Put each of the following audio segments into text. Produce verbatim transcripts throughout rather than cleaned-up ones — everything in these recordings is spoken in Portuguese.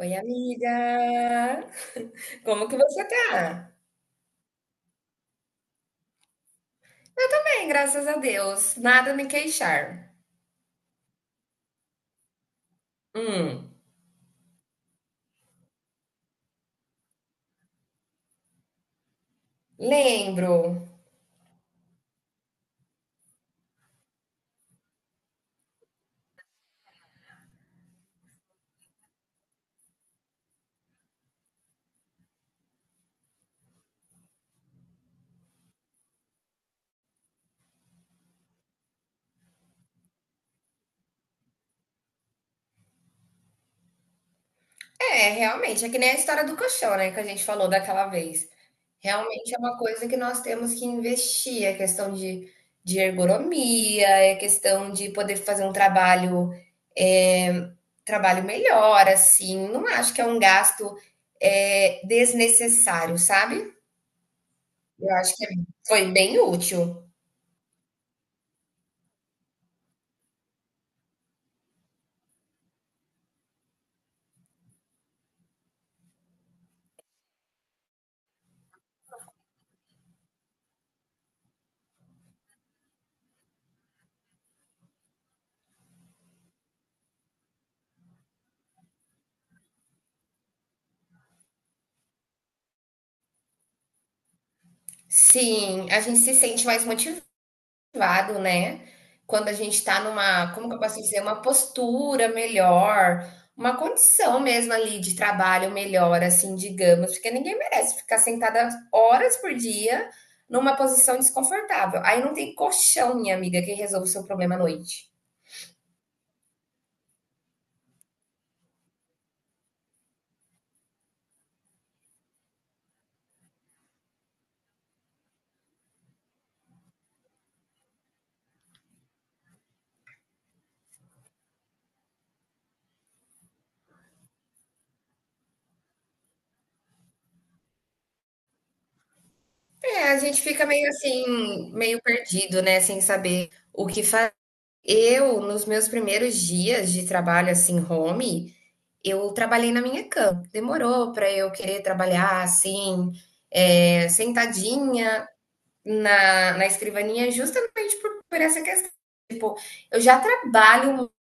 Oi, amiga! Como que você tá? Eu também, graças a Deus. Nada a me queixar. Hum, lembro. É, realmente, é que nem a história do colchão, né, que a gente falou daquela vez. Realmente é uma coisa que nós temos que investir, é questão de, de ergonomia, é questão de poder fazer um trabalho, é, trabalho melhor, assim. Não acho que é um gasto, é, desnecessário, sabe? Eu acho que é, foi bem útil. Sim, a gente se sente mais motivado, né? Quando a gente está numa, como que eu posso dizer, uma postura melhor, uma condição mesmo ali de trabalho melhor, assim, digamos, porque ninguém merece ficar sentada horas por dia numa posição desconfortável. Aí não tem colchão, minha amiga, que resolve o seu problema à noite. É, a gente fica meio assim, meio perdido, né? Sem saber o que fazer. Eu, nos meus primeiros dias de trabalho, assim, home, eu trabalhei na minha cama. Demorou para eu querer trabalhar assim, eh, sentadinha na, na escrivaninha, justamente por, por essa questão. Tipo, eu já trabalho, muito,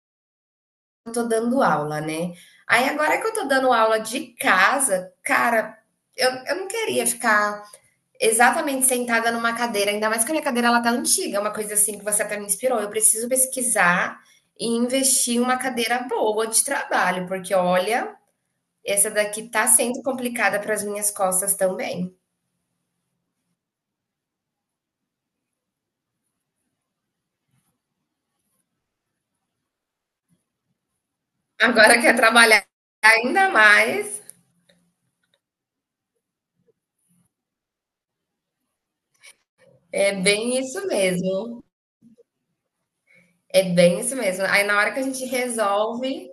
eu tô dando aula, né? Aí agora que eu tô dando aula de casa, cara, eu, eu não queria ficar exatamente sentada numa cadeira, ainda mais que a minha cadeira ela tá antiga, é uma coisa assim que você até me inspirou. Eu preciso pesquisar e investir em uma cadeira boa de trabalho, porque olha, essa daqui tá sendo complicada para as minhas costas também. Agora quer trabalhar ainda mais. É bem isso mesmo. É bem isso mesmo. Aí na hora que a gente resolve,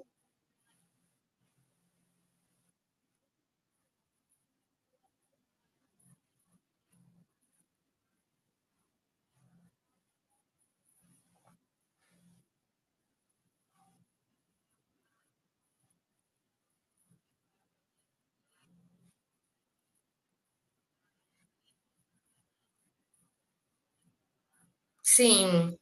sim.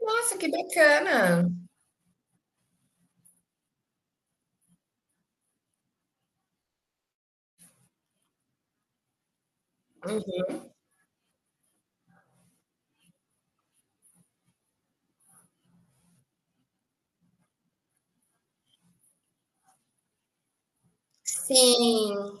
Nossa, que bacana. Sim.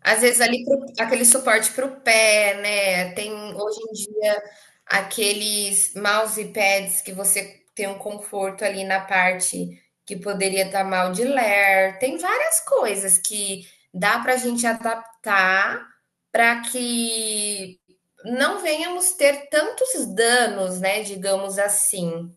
Às vezes ali pro aquele suporte para o pé, né, tem hoje em dia aqueles mousepads que você tem um conforto ali na parte que poderia estar mal de ler, tem várias coisas que dá para a gente adaptar para que não venhamos ter tantos danos, né, digamos assim.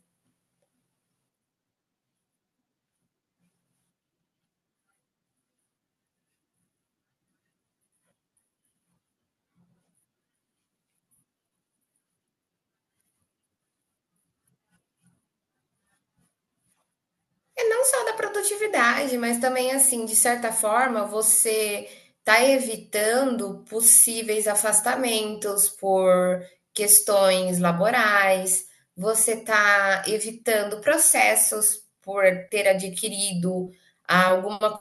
É não só da produtividade, mas também assim, de certa forma, você está evitando possíveis afastamentos por questões laborais, você está evitando processos por ter adquirido alguma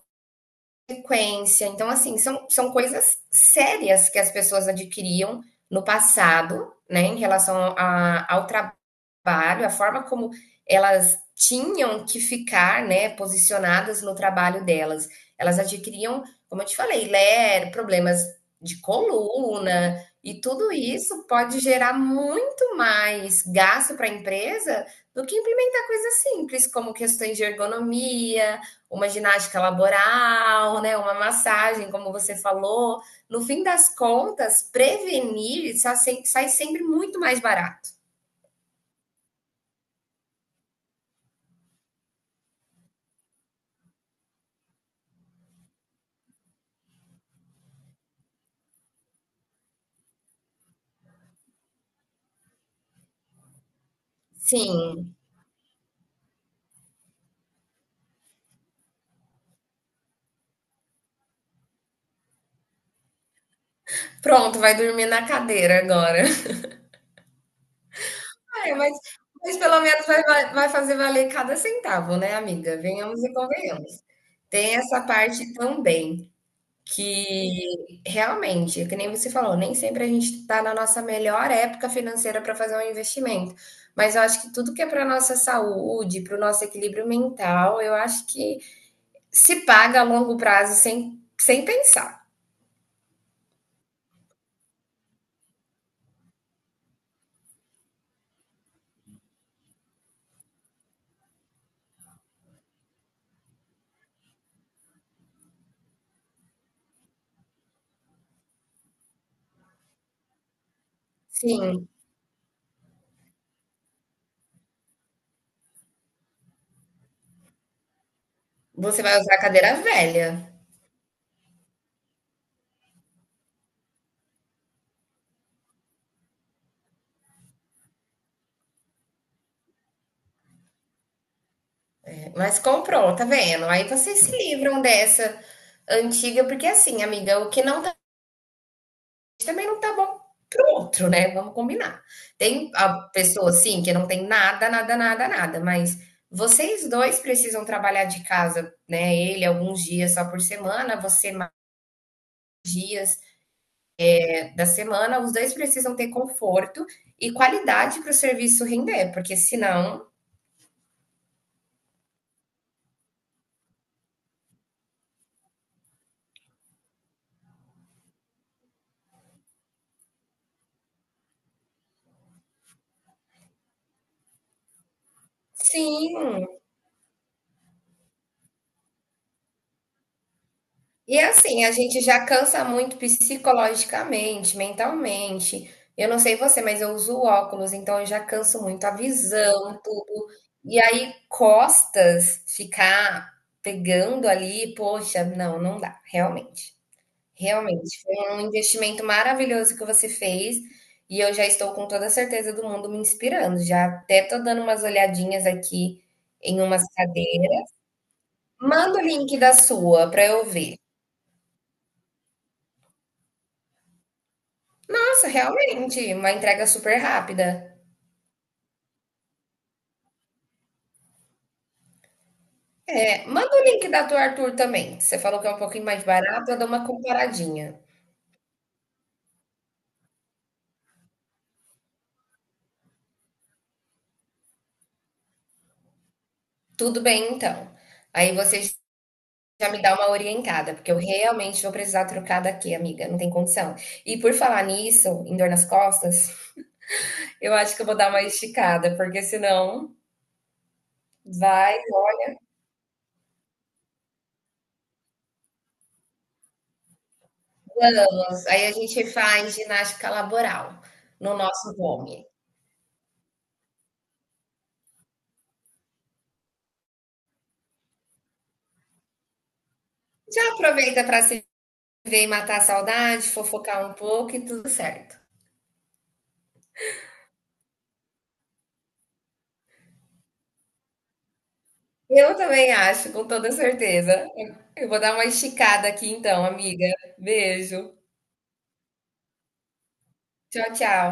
consequência. Então, assim, são, são coisas sérias que as pessoas adquiriam no passado, né, em relação a- ao trabalho trabalho, a forma como elas tinham que ficar, né, posicionadas no trabalho delas. Elas adquiriam, como eu te falei, LER, problemas de coluna, e tudo isso pode gerar muito mais gasto para a empresa do que implementar coisas simples, como questões de ergonomia, uma ginástica laboral, né, uma massagem, como você falou. No fim das contas, prevenir sai sempre muito mais barato. Sim. Pronto, vai dormir na cadeira agora. É, mas, mas pelo menos vai, vai- vai fazer valer cada centavo, né, amiga? Venhamos e convenhamos. Tem essa parte também que realmente, que nem você falou, nem sempre a gente está na nossa melhor época financeira para fazer um investimento. Mas eu acho que tudo que é para nossa saúde, para o nosso equilíbrio mental, eu acho que se paga a longo prazo sem, sem pensar. Sim, você vai usar a cadeira velha. Mas comprou, tá vendo? Aí vocês se livram dessa antiga, porque assim, amiga, o que não tá também não tá bom pro outro, né? Vamos combinar. Tem a pessoa assim que não tem nada, nada, nada, nada, mas vocês dois precisam trabalhar de casa, né? Ele alguns dias só por semana, você mais dias eh, da semana, os dois precisam ter conforto e qualidade para o serviço render, porque senão, sim. E assim, a gente já cansa muito psicologicamente, mentalmente. Eu não sei você, mas eu uso óculos, então eu já canso muito a visão, tudo. E aí, costas, ficar pegando ali, poxa, não, não dá, realmente. Realmente, foi um investimento maravilhoso que você fez e eu já estou com toda a certeza do mundo me inspirando. Já até tô dando umas olhadinhas aqui em umas cadeiras. Manda o link da sua para eu ver. Nossa, realmente, uma entrega super rápida. É, manda o link da tua Arthur também. Você falou que é um pouquinho mais barato, eu dou uma comparadinha. Tudo bem, então. Aí você já me dá uma orientada, porque eu realmente vou precisar trocar daqui, amiga. Não tem condição. E por falar nisso, em dor nas costas, eu acho que eu vou dar uma esticada, porque senão vai. Aí a gente faz ginástica laboral no nosso home. Já aproveita para se ver e matar a saudade, fofocar um pouco e tudo certo. Eu também acho, com toda certeza. Eu vou dar uma esticada aqui então, amiga. Beijo. Tchau, tchau.